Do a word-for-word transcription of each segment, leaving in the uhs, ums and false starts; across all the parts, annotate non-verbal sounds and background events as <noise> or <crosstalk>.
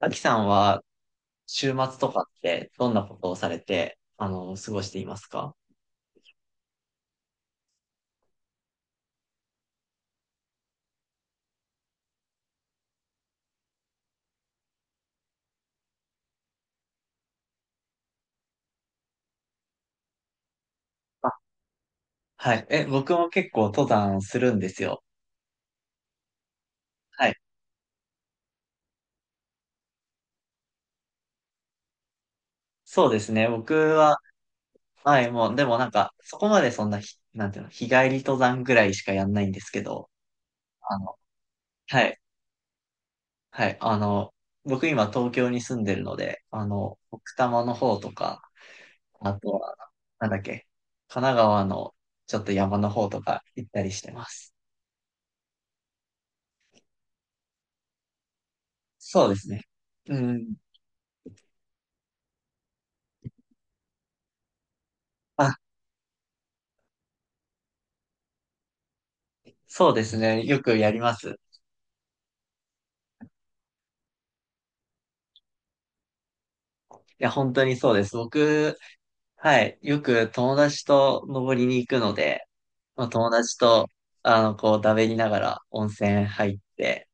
アキさんは週末とかってどんなことをされて、あの、過ごしていますか？あ、はい。え、僕も結構登山するんですよ。はい。そうですね。僕は、はい、もう、でもなんか、そこまでそんなひ、なんていうの、日帰り登山ぐらいしかやんないんですけど、あの、はい、はい、あの、僕今東京に住んでるので、あの、奥多摩の方とか、あとは、なんだっけ、神奈川のちょっと山の方とか行ったりしてます。そうですね。うん。あ、そうですね。よくやります。いや、本当にそうです。僕、はい、よく友達と登りに行くので、まあ、友達と、あの、こう、だべりながら温泉入って、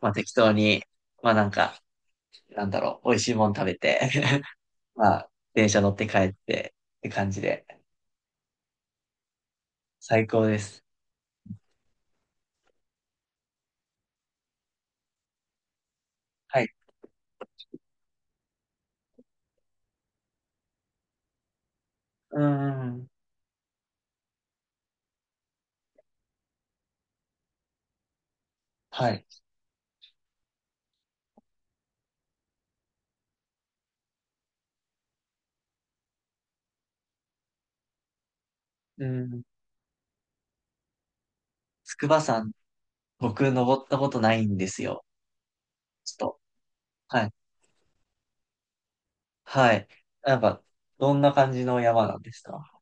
まあ、適当に、まあ、なんか、なんだろう、美味しいもん食べて、<laughs> まあ、電車乗って帰ってって感じで、最高です。はい。うーん。はい。うん。筑波山、僕、登ったことないんですよ。ちょっと。はい。はい。なんか、どんな感じの山なんですか？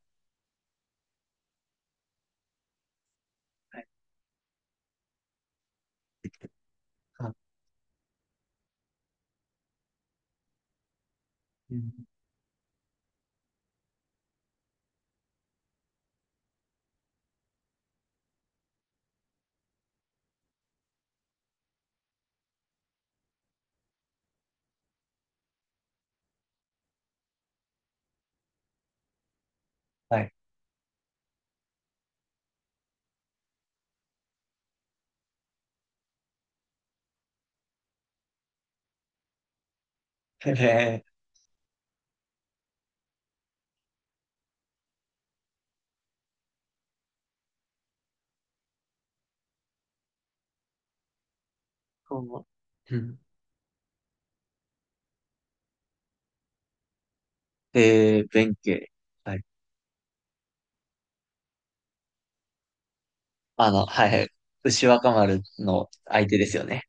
はい。あ、うん、はい。<laughs> ええ。そう、うん。えー、弁慶。はい、あの、はいはい。牛若丸の相手ですよね。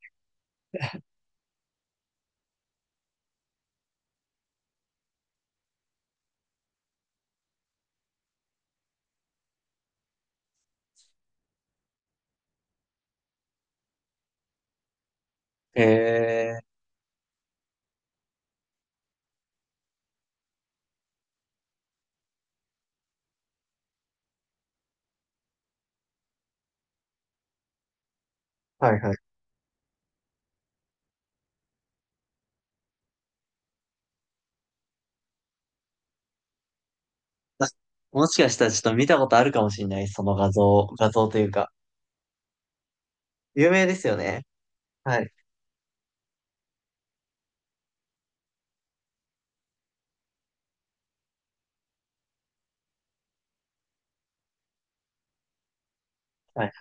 へえ。はいはい。あ、もしかしたらちょっと見たことあるかもしれない。その画像、画像というか。有名ですよね。はい。はいは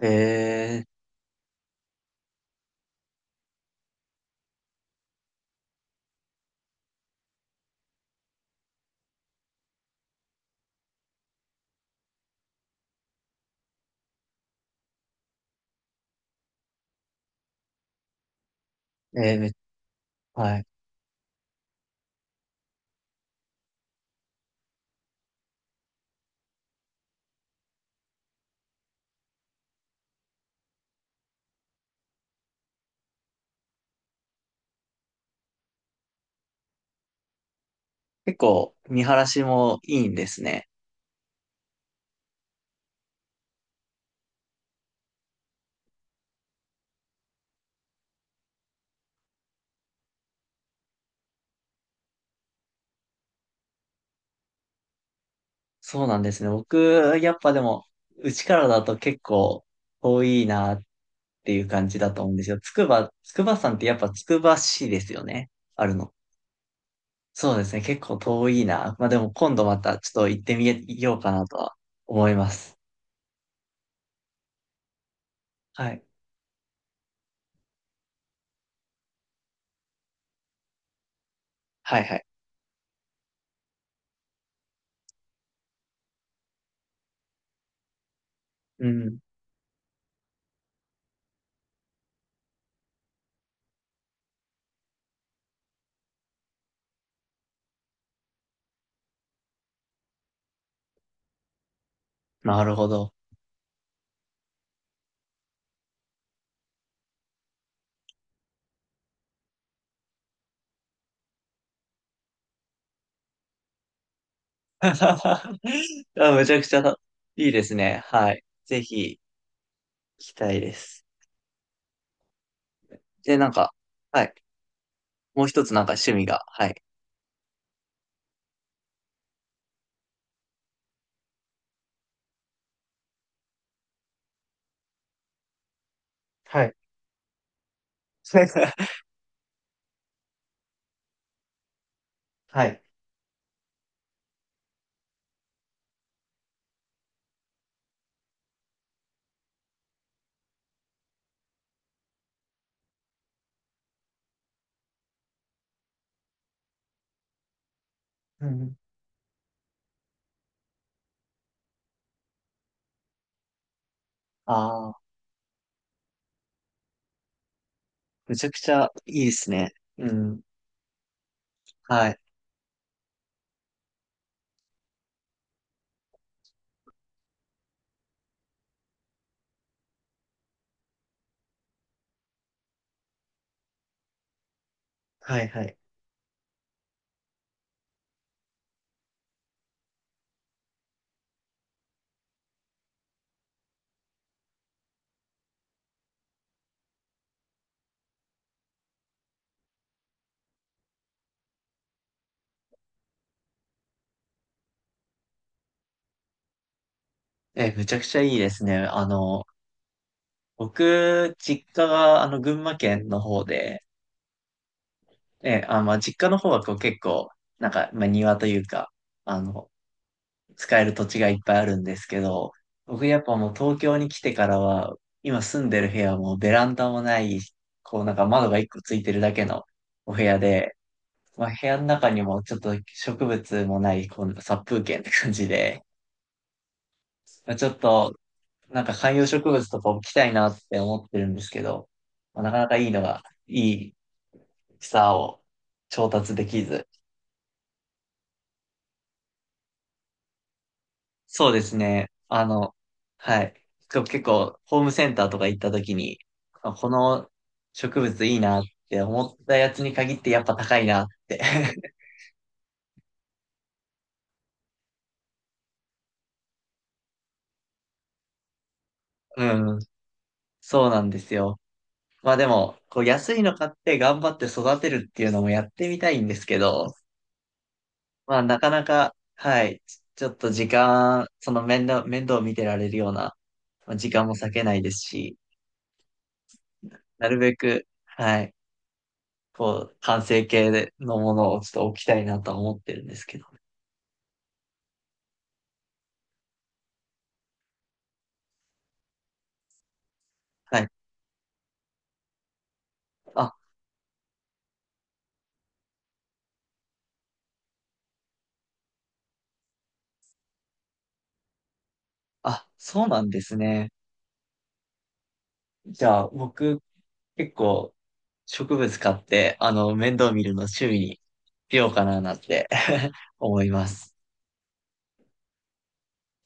い。へえー。えーめはい。結構、見晴らしもいいんですね。そうなんですね。僕、やっぱでも、うちからだと結構遠いなっていう感じだと思うんですよ。筑波、筑波山ってやっぱ筑波市ですよね。あるの。そうですね。結構遠いな。まあでも今度またちょっと行ってみようかなとは思います。はい。はいはい。うん。なるほど。<laughs> あ、めちゃくちゃいいですね。はい。ぜひ行きたいです。で、なんか、はい。もう一つなんか趣味が、はい。はい。<laughs> はい。うん。ああ、めちゃくちゃいいですね。うん。はい。はいはい。え、めちゃくちゃいいですね。あの、僕、実家が、あの、群馬県の方で、ええ、あ、まあ、実家の方はこう結構、なんか、まあ、庭というか、あの、使える土地がいっぱいあるんですけど、僕やっぱもう東京に来てからは、今住んでる部屋もベランダもない、こうなんか窓が一個ついてるだけのお部屋で、まあ、部屋の中にもちょっと植物もない、こう殺風景って感じで、まあ、ちょっと、なんか観葉植物とか置きたいなって思ってるんですけど、まあ、なかなかいいのが、いい草を調達できず、そうですね。あの、はい。こう結構、ホームセンターとか行った時に、あ、この植物いいなって思ったやつに限ってやっぱ高いなって。<laughs> うん。そうなんですよ。まあでも、こう安いの買って頑張って育てるっていうのもやってみたいんですけど、まあなかなか、はい。ちょっと時間、その面倒、面倒を見てられるようなまあ時間も割けないですし、なるべく、はい。こう、完成形のものをちょっと置きたいなとは思ってるんですけど。はい。あ、あ、そうなんですね。じゃあ、僕、結構、植物買って、あの、面倒見るの趣味にしようかななんて <laughs> 思います。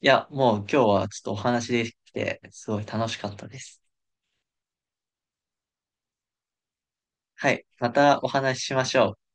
いや、もう今日はちょっとお話できて、すごい楽しかったです。はい。またお話ししましょう。